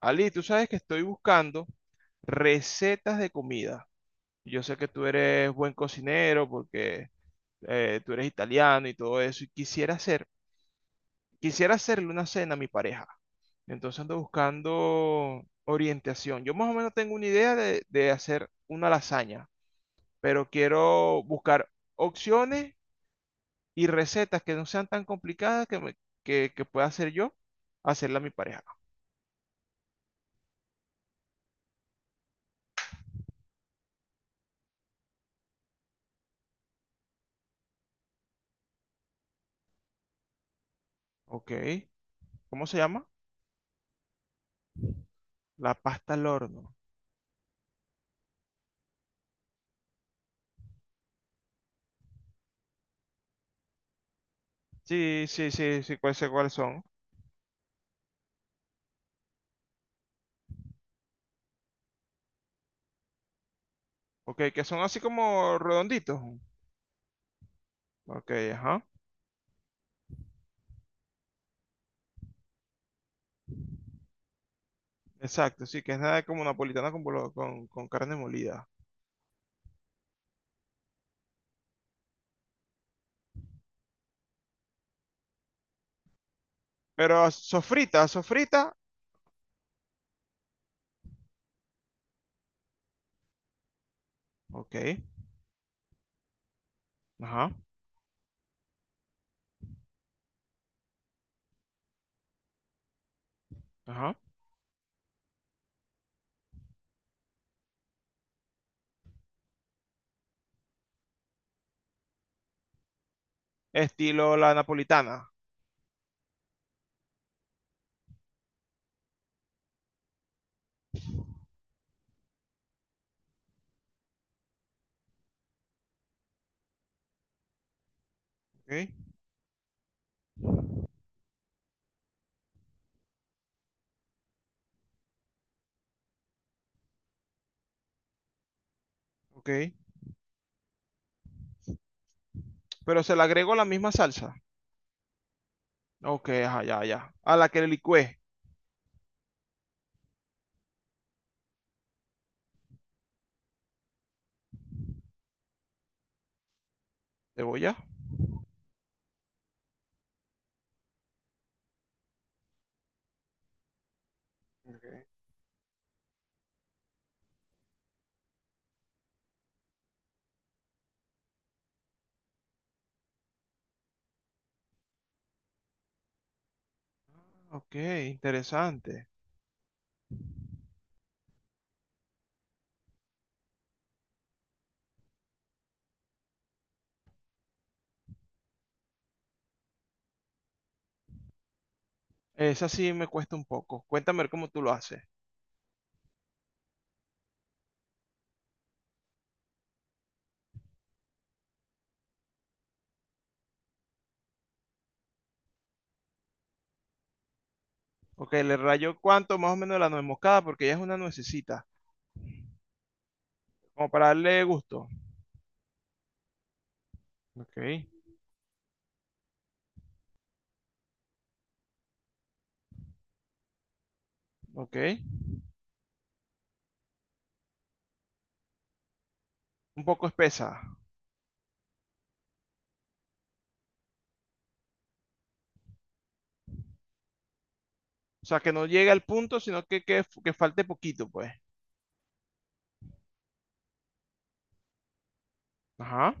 Ali, tú sabes que estoy buscando recetas de comida. Yo sé que tú eres buen cocinero porque tú eres italiano y todo eso. Y quisiera hacerle una cena a mi pareja. Entonces ando buscando orientación. Yo más o menos tengo una idea de hacer una lasaña, pero quiero buscar opciones y recetas que no sean tan complicadas que pueda hacer yo, hacerla a mi pareja. Ok. ¿Cómo se llama? La pasta al horno. Sí, sí, sí, sí, cuál sé cuáles son. Ok, que son así como redonditos. Ok, ajá. Exacto, sí, que es nada como napolitana con carne molida. Pero sofrita, sofrita. Ok, ajá, ajá. Estilo la napolitana. Ok, ok. Pero se le agregó la misma salsa. Ok, ajá, ya, ya. A la que le licué. ¿Cebolla? Ok, interesante. Esa sí me cuesta un poco. Cuéntame a ver cómo tú lo haces. Ok, le rayo cuánto más o menos la nuez moscada porque ella es una nuececita. Como para darle gusto. Ok, ok. Un poco espesa. O sea, que no llegue al punto, sino que falte poquito, pues. Ajá.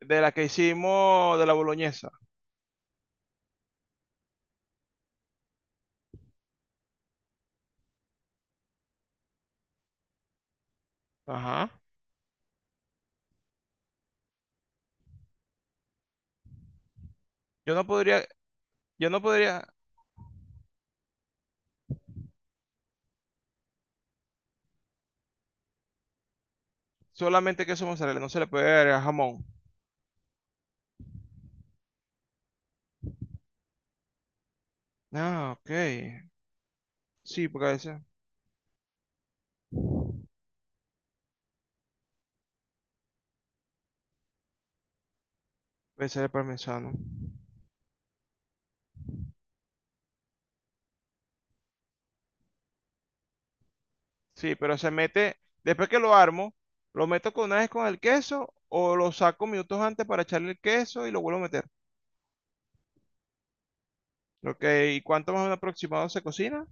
De la que hicimos de la boloñesa. Ajá. Yo no podría, yo no podría solamente queso mozzarella, no se le puede agregar jamón. Ah, ok. Sí, porque a veces puede ser el parmesano. Sí, pero se mete, después que lo armo, lo meto con una vez con el queso o lo saco minutos antes para echarle el queso y lo vuelvo a meter. Ok, ¿y cuánto más o menos aproximado se cocina?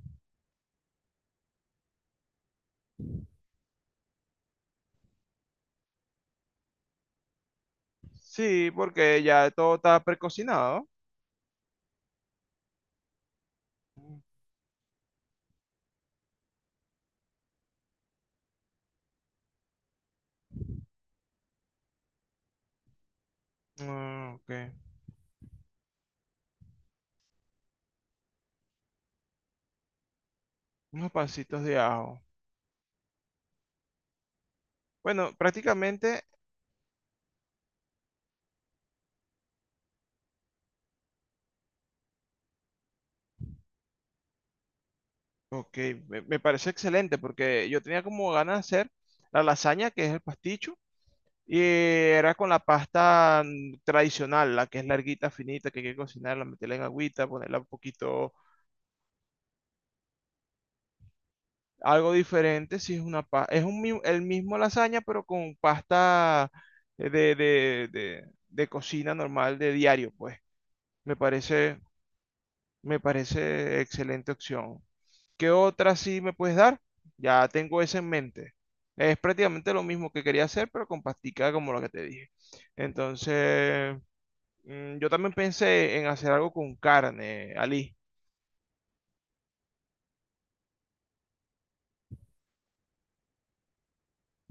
Sí, porque ya todo está precocinado. Ah, ok. Unos pasitos de ajo. Bueno, prácticamente, ok, me parece excelente porque yo tenía como ganas de hacer la lasaña, que es el pasticho, y era con la pasta tradicional, la que es larguita, finita, que hay que cocinarla, meterla en agüita, ponerla un poquito, algo diferente, si es una el mismo lasaña, pero con pasta de cocina normal de diario, pues. Me parece. Me parece excelente opción. ¿Qué otra sí me puedes dar? Ya tengo esa en mente. Es prácticamente lo mismo que quería hacer, pero con pastica como lo que te dije. Entonces, yo también pensé en hacer algo con carne, Ali.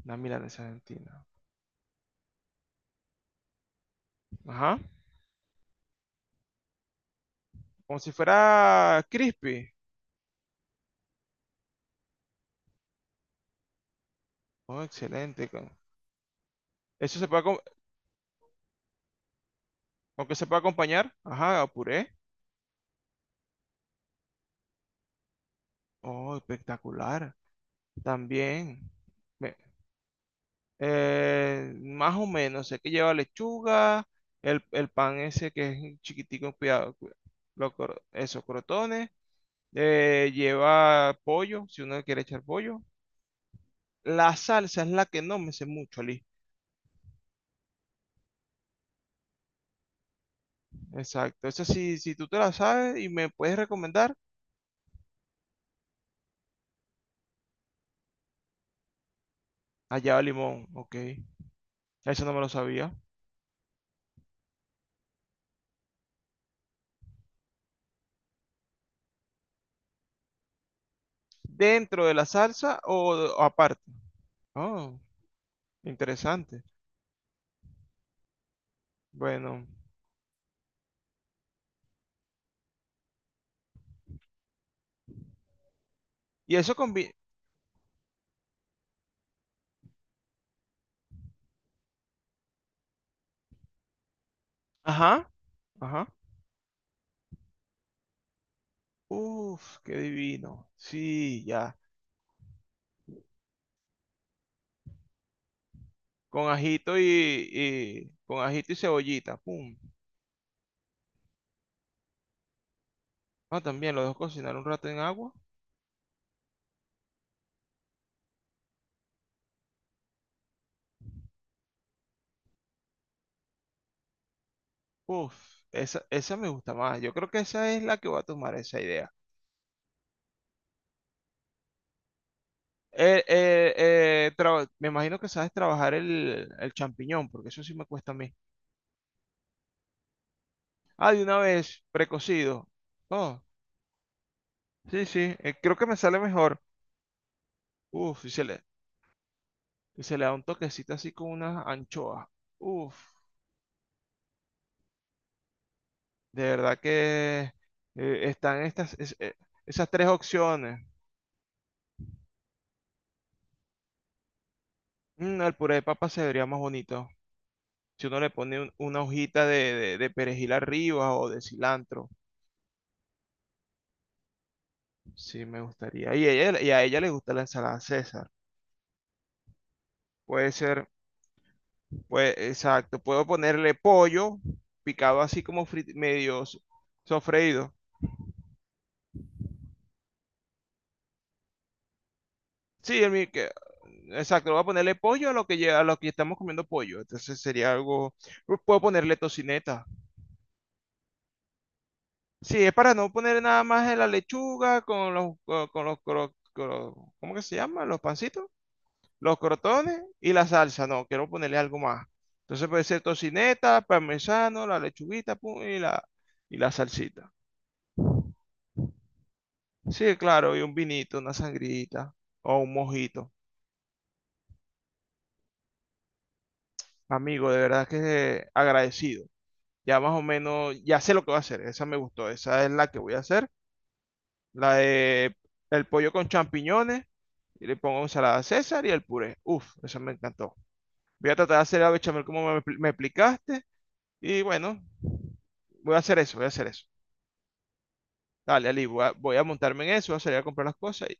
Una milanesa argentina. Ajá. Como si fuera crispy. Oh, excelente. Eso se puede, aunque se puede acompañar. Ajá, a puré. Oh, espectacular. También. Más o menos, sé que lleva lechuga, el pan ese que es chiquitico, cuidado, cu- lo cro- esos crotones, lleva pollo, si uno quiere echar pollo. La salsa es la que no me sé mucho, Ali. Exacto, esa sí, si tú te la sabes y me puedes recomendar, allá va limón, ok. Eso no me lo sabía. ¿Dentro de la salsa o aparte? Oh, interesante. Bueno, y eso combina. Ajá, ajá. Uf, qué divino. Sí, ya. Con ajito y, con ajito y cebollita. Pum. Ah, también lo dejo cocinar un rato en agua. Uf, esa me gusta más. Yo creo que esa es la que voy a tomar esa idea. Me imagino que sabes trabajar el champiñón, porque eso sí me cuesta a mí. Ah, de una vez, precocido. Oh, sí, sí, creo que me sale mejor. Uf, y se le, Y se le da un toquecito así con unas anchoas. Uf, de verdad que eh, están estas, es- eh, esas tres opciones. El puré de papa se vería más bonito. Si uno le pone una hojita de perejil arriba o de cilantro. Sí, me gustaría. Y a ella le gusta la ensalada César. Puede ser, pues, exacto. Puedo ponerle pollo picado así como sofreído. Sí, exacto. Voy a ponerle pollo a lo a lo que estamos comiendo pollo. Entonces sería algo... Puedo ponerle tocineta. Sí, es para no poner nada más de la lechuga con los, co- con, los, cro- cro- ¿cómo que se llama? Los pancitos, los crotones y la salsa. No, quiero ponerle algo más. Entonces puede ser tocineta, parmesano, la lechuguita, pum, y la salsita. Sí, claro, y un vinito, una sangrita o un mojito. Amigo, de verdad que agradecido. Ya más o menos, ya sé lo que voy a hacer. Esa me gustó, esa es la que voy a hacer. La de el pollo con champiñones. Y le pongo ensalada César y el puré. Uf, eso me encantó. Voy a tratar de hacer la bechamel como me explicaste. Y bueno, voy a hacer eso, voy a hacer eso. Dale, Ali, voy a montarme en eso, voy a salir a comprar las cosas y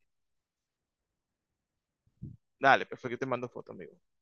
dale, perfecto, te mando foto, amigo.